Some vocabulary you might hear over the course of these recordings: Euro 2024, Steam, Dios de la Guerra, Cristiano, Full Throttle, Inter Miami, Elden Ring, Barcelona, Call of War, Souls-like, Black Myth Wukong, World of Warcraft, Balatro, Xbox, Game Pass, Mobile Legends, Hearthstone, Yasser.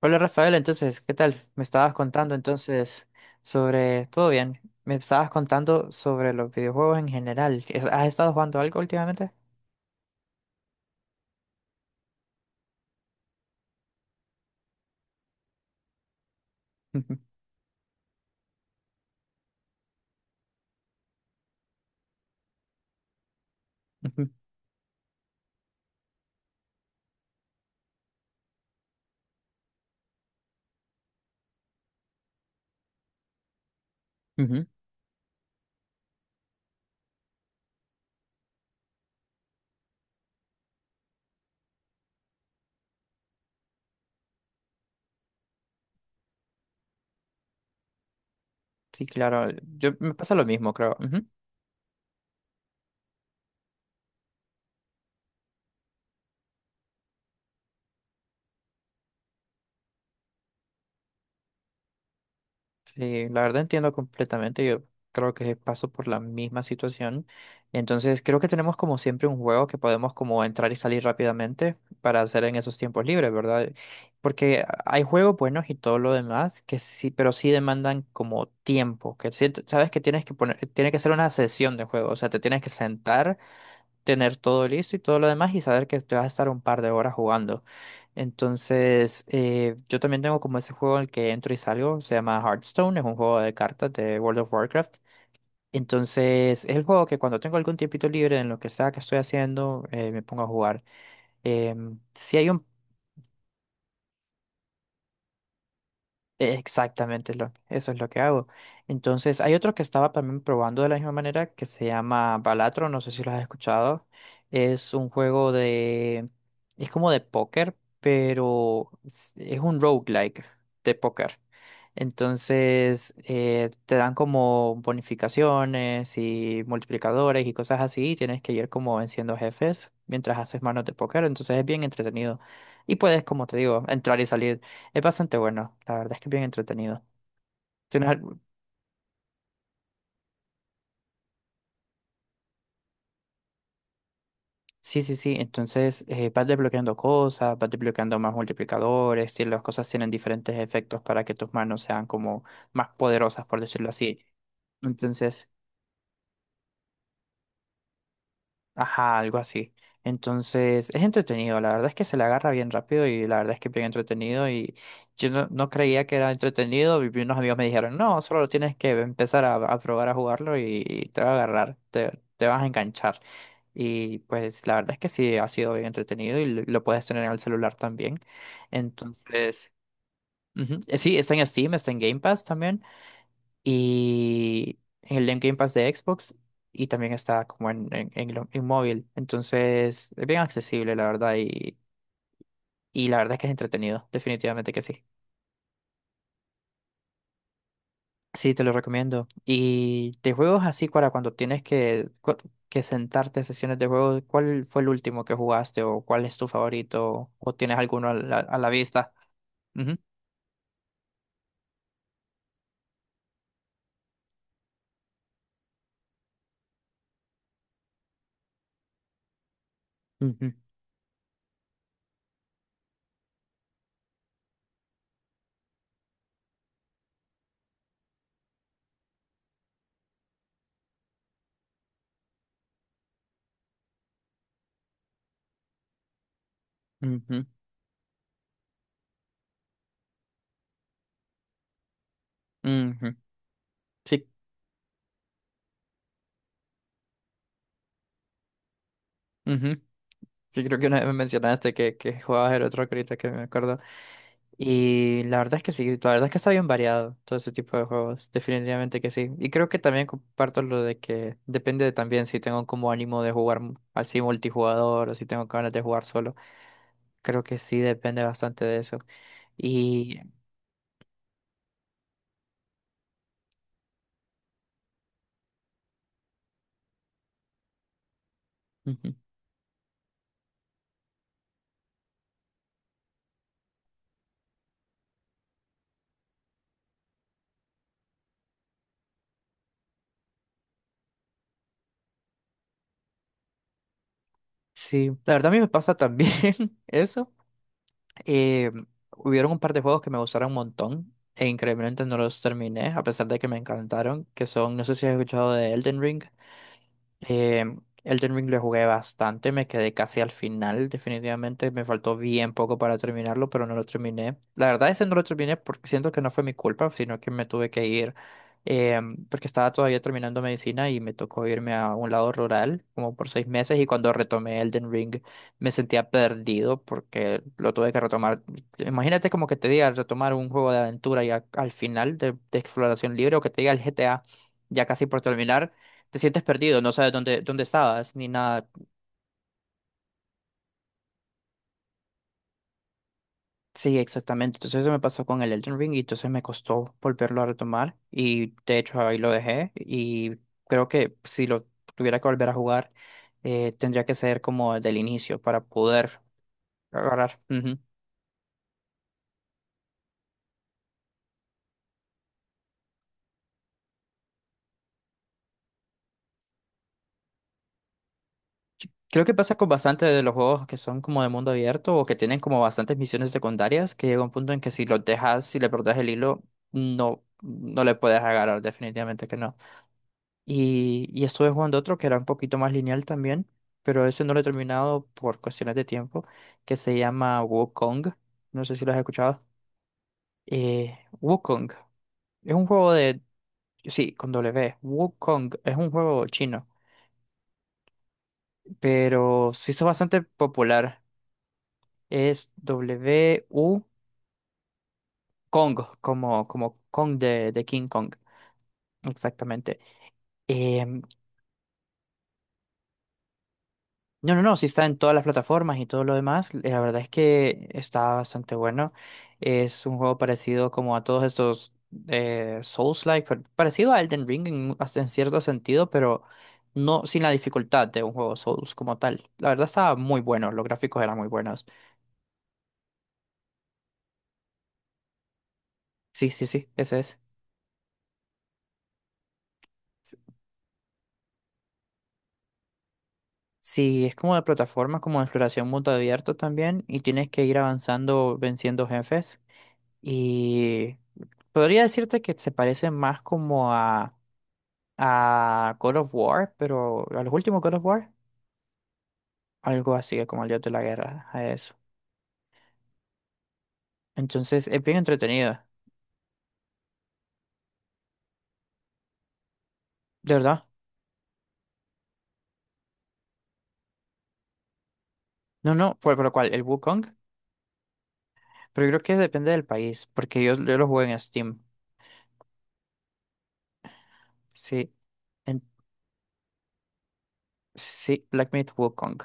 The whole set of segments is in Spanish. Hola Rafael, entonces, ¿qué tal? Me estabas contando ¿Todo bien? Me estabas contando sobre los videojuegos en general. ¿Es- ¿Has estado jugando algo últimamente? Ujú, ujú, ujú. Sí, claro. Yo me pasa lo mismo, creo. Sí, la verdad entiendo completamente. Yo creo que paso por la misma situación. Entonces, creo que tenemos como siempre un juego que podemos como entrar y salir rápidamente para hacer en esos tiempos libres, ¿verdad? Porque hay juegos buenos y todo lo demás que sí, pero sí demandan como tiempo, que sí- sabes que tienes que poner, tiene que ser una sesión de juego, o sea, te tienes que sentar, tener todo listo y todo lo demás y saber que te vas a estar un par de horas jugando. Entonces, yo también tengo como ese juego en el que entro y salgo, se llama Hearthstone, es un juego de cartas de World of Warcraft. Entonces, es el juego que cuando tengo algún tiempito libre en lo que sea que estoy haciendo, me pongo a jugar. Si hay un exactamente, es eso es lo que hago. Entonces, hay otro que estaba también probando de la misma manera que se llama Balatro, no sé si lo has escuchado. Es un juego, es como de póker, pero es un roguelike de póker. Entonces, te dan como bonificaciones y multiplicadores y cosas así, y tienes que ir como venciendo jefes mientras haces manos de póker, entonces es bien entretenido. Y puedes, como te digo, entrar y salir. Es bastante bueno, la verdad es que es bien entretenido. Tienes algo- sí, sí, sí, entonces vas desbloqueando cosas, vas desbloqueando más multiplicadores y las cosas tienen diferentes efectos para que tus manos sean como más poderosas, por decirlo así. Entonces, ajá, algo así. Entonces, es entretenido, la verdad es que se le agarra bien rápido y la verdad es que es bien entretenido y yo no creía que era entretenido y unos amigos me dijeron, no, solo tienes que empezar a probar a jugarlo y te va a agarrar, te vas a enganchar. Y pues la verdad es que sí, ha sido bien entretenido y lo puedes tener en el celular también. Entonces, ujú. Sí, está en Steam, está en Game Pass también y el en Game Pass de Xbox y también está como en móvil. Entonces es bien accesible, la verdad, y la verdad es que es entretenido, definitivamente que sí. Sí, te lo recomiendo. Y de juegos así, para cuando tienes que, que sentarte a sesiones de juegos, ¿cuál fue el último que jugaste o cuál es tu favorito o tienes alguno a a la vista? Ujú, ujú, ujú, ujú. Sí. Sí, creo que una vez me mencionaste que jugabas el otro ahorita que me acuerdo. Y la verdad es que sí, la verdad es que está bien variado todo ese tipo de juegos, definitivamente que sí. Y creo que también comparto lo de que depende de también si tengo como ánimo de jugar así multijugador o si tengo ganas de jugar solo. Creo que sí depende bastante de eso. Y ujú, sí, la verdad a mí me pasa también eso. Eh, Hubieron un par de juegos que me gustaron un montón e increíblemente no los terminé, a pesar de que me encantaron, que son, no sé si has escuchado de Elden Ring. Eh, Elden Ring lo jugué bastante, me quedé casi al final, definitivamente me faltó bien poco para terminarlo, pero no lo terminé. La verdad es que no lo terminé porque siento que no fue mi culpa, sino que me tuve que ir eh, porque estaba todavía terminando medicina y me tocó irme a un lado rural como por seis meses y cuando retomé Elden Ring me sentía perdido porque lo tuve que retomar. Imagínate como que te diga retomar un juego de aventura ya al final de exploración libre o que te diga el GTA ya casi por terminar te sientes perdido, no sabes dónde estabas ni nada. Sí, exactamente. Entonces eso me pasó con el Elden Ring y entonces me costó volverlo a retomar y de hecho ahí lo dejé y creo que si lo tuviera que volver a jugar tendría que ser como desde el inicio para poder agarrar. Ujú. Creo que pasa con bastantes de los juegos que son como de mundo abierto o que tienen como bastantes misiones secundarias que llega un punto en que si los dejas, si le perdés el hilo, no le puedes agarrar, definitivamente que no. Y estuve jugando otro que era un poquito más lineal también, pero ese no lo he terminado por cuestiones de tiempo, que se llama Wukong. No sé si lo has escuchado. Wukong es un juego. Sí, con W. Wukong es un juego chino, pero se hizo bastante popular. Es W-U Kong, como, como Kong de King Kong. Exactamente. Em, No, no, no, sí está en todas las plataformas y todo lo demás. La verdad es que está bastante bueno. Es un juego parecido como a todos estos Souls-like, pero parecido a Elden Ring hasta en cierto sentido, pero no sin la dificultad de un juego Souls como tal. La verdad estaba muy bueno, los gráficos eran muy buenos. Sí, sí, sí, ese es. Sí, es como de plataforma, como de exploración mundo abierto también, y tienes que ir avanzando, venciendo jefes. Y podría decirte que se parece más como a Call of War, pero a los últimos Call of War, algo así como el Dios de la Guerra, a eso. Entonces es bien entretenido, de verdad. No, no, fue por lo cual, el Wukong, pero yo creo que depende del país, porque yo lo juego en Steam. Sí, en- sí, Black Myth Wukong.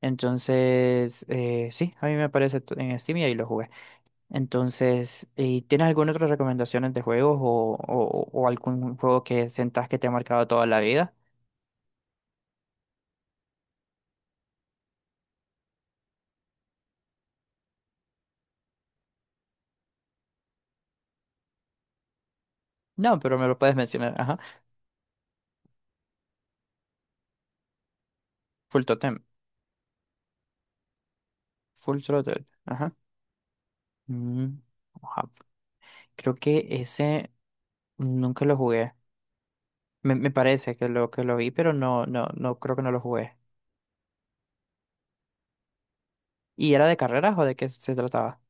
Entonces, sí, a mí me aparece en Steam y ahí lo jugué. Entonces, ¿y tienes alguna otra recomendación de juegos o algún juego que sientas que te ha marcado toda la vida? No, pero me lo puedes mencionar, ajá. Full Totem. Full Throttle. Ajá. Mm, oja, Creo que ese nunca lo jugué. Me parece que lo vi, pero no creo que no lo jugué. ¿Y era de carreras o de qué se trataba?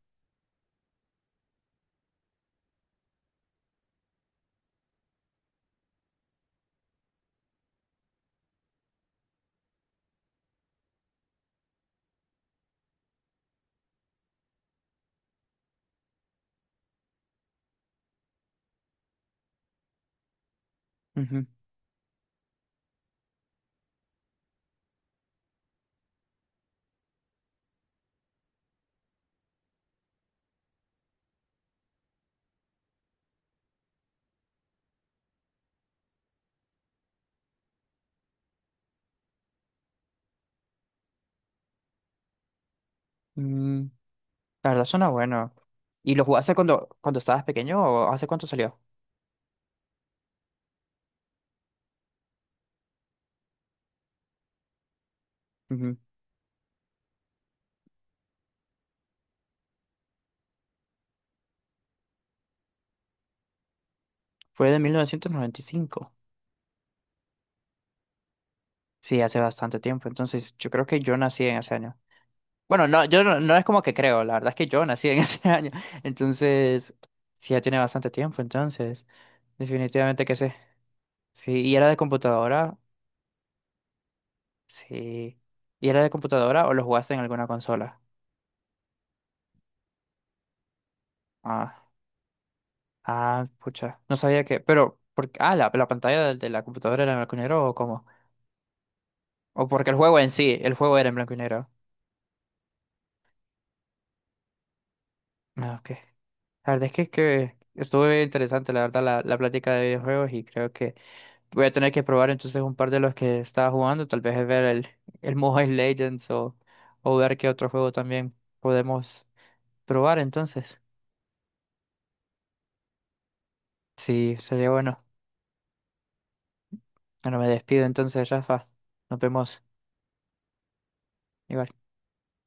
Ujú. Mm, la verdad suena bueno. ¿Y lo jugaste cuando estabas pequeño o hace cuánto salió? Ujú. Fue de 1995. Sí, hace bastante tiempo. Entonces, yo creo que yo nací en ese año. Bueno, no, yo no es como que creo, la verdad es que yo nací en ese año. Entonces, sí, ya tiene bastante tiempo, entonces, definitivamente que sí. Sí, ¿y era de computadora? Sí. ¿Y era de computadora o lo jugaste en alguna consola? Ah, ah, pucha, no sabía que, pero, ¿por qué? Ah, la pantalla de la computadora era en blanco y negro o cómo? O porque el juego en sí, el juego era en blanco y negro. Ah, ok. La verdad es que estuvo bien interesante, la verdad, la plática de videojuegos y creo que voy a tener que probar entonces un par de los que estaba jugando, tal vez ver el Mobile Legends o ver qué otro juego también podemos probar entonces. Sí, sería bueno. Bueno, me despido entonces, Rafa. Nos vemos. Igual.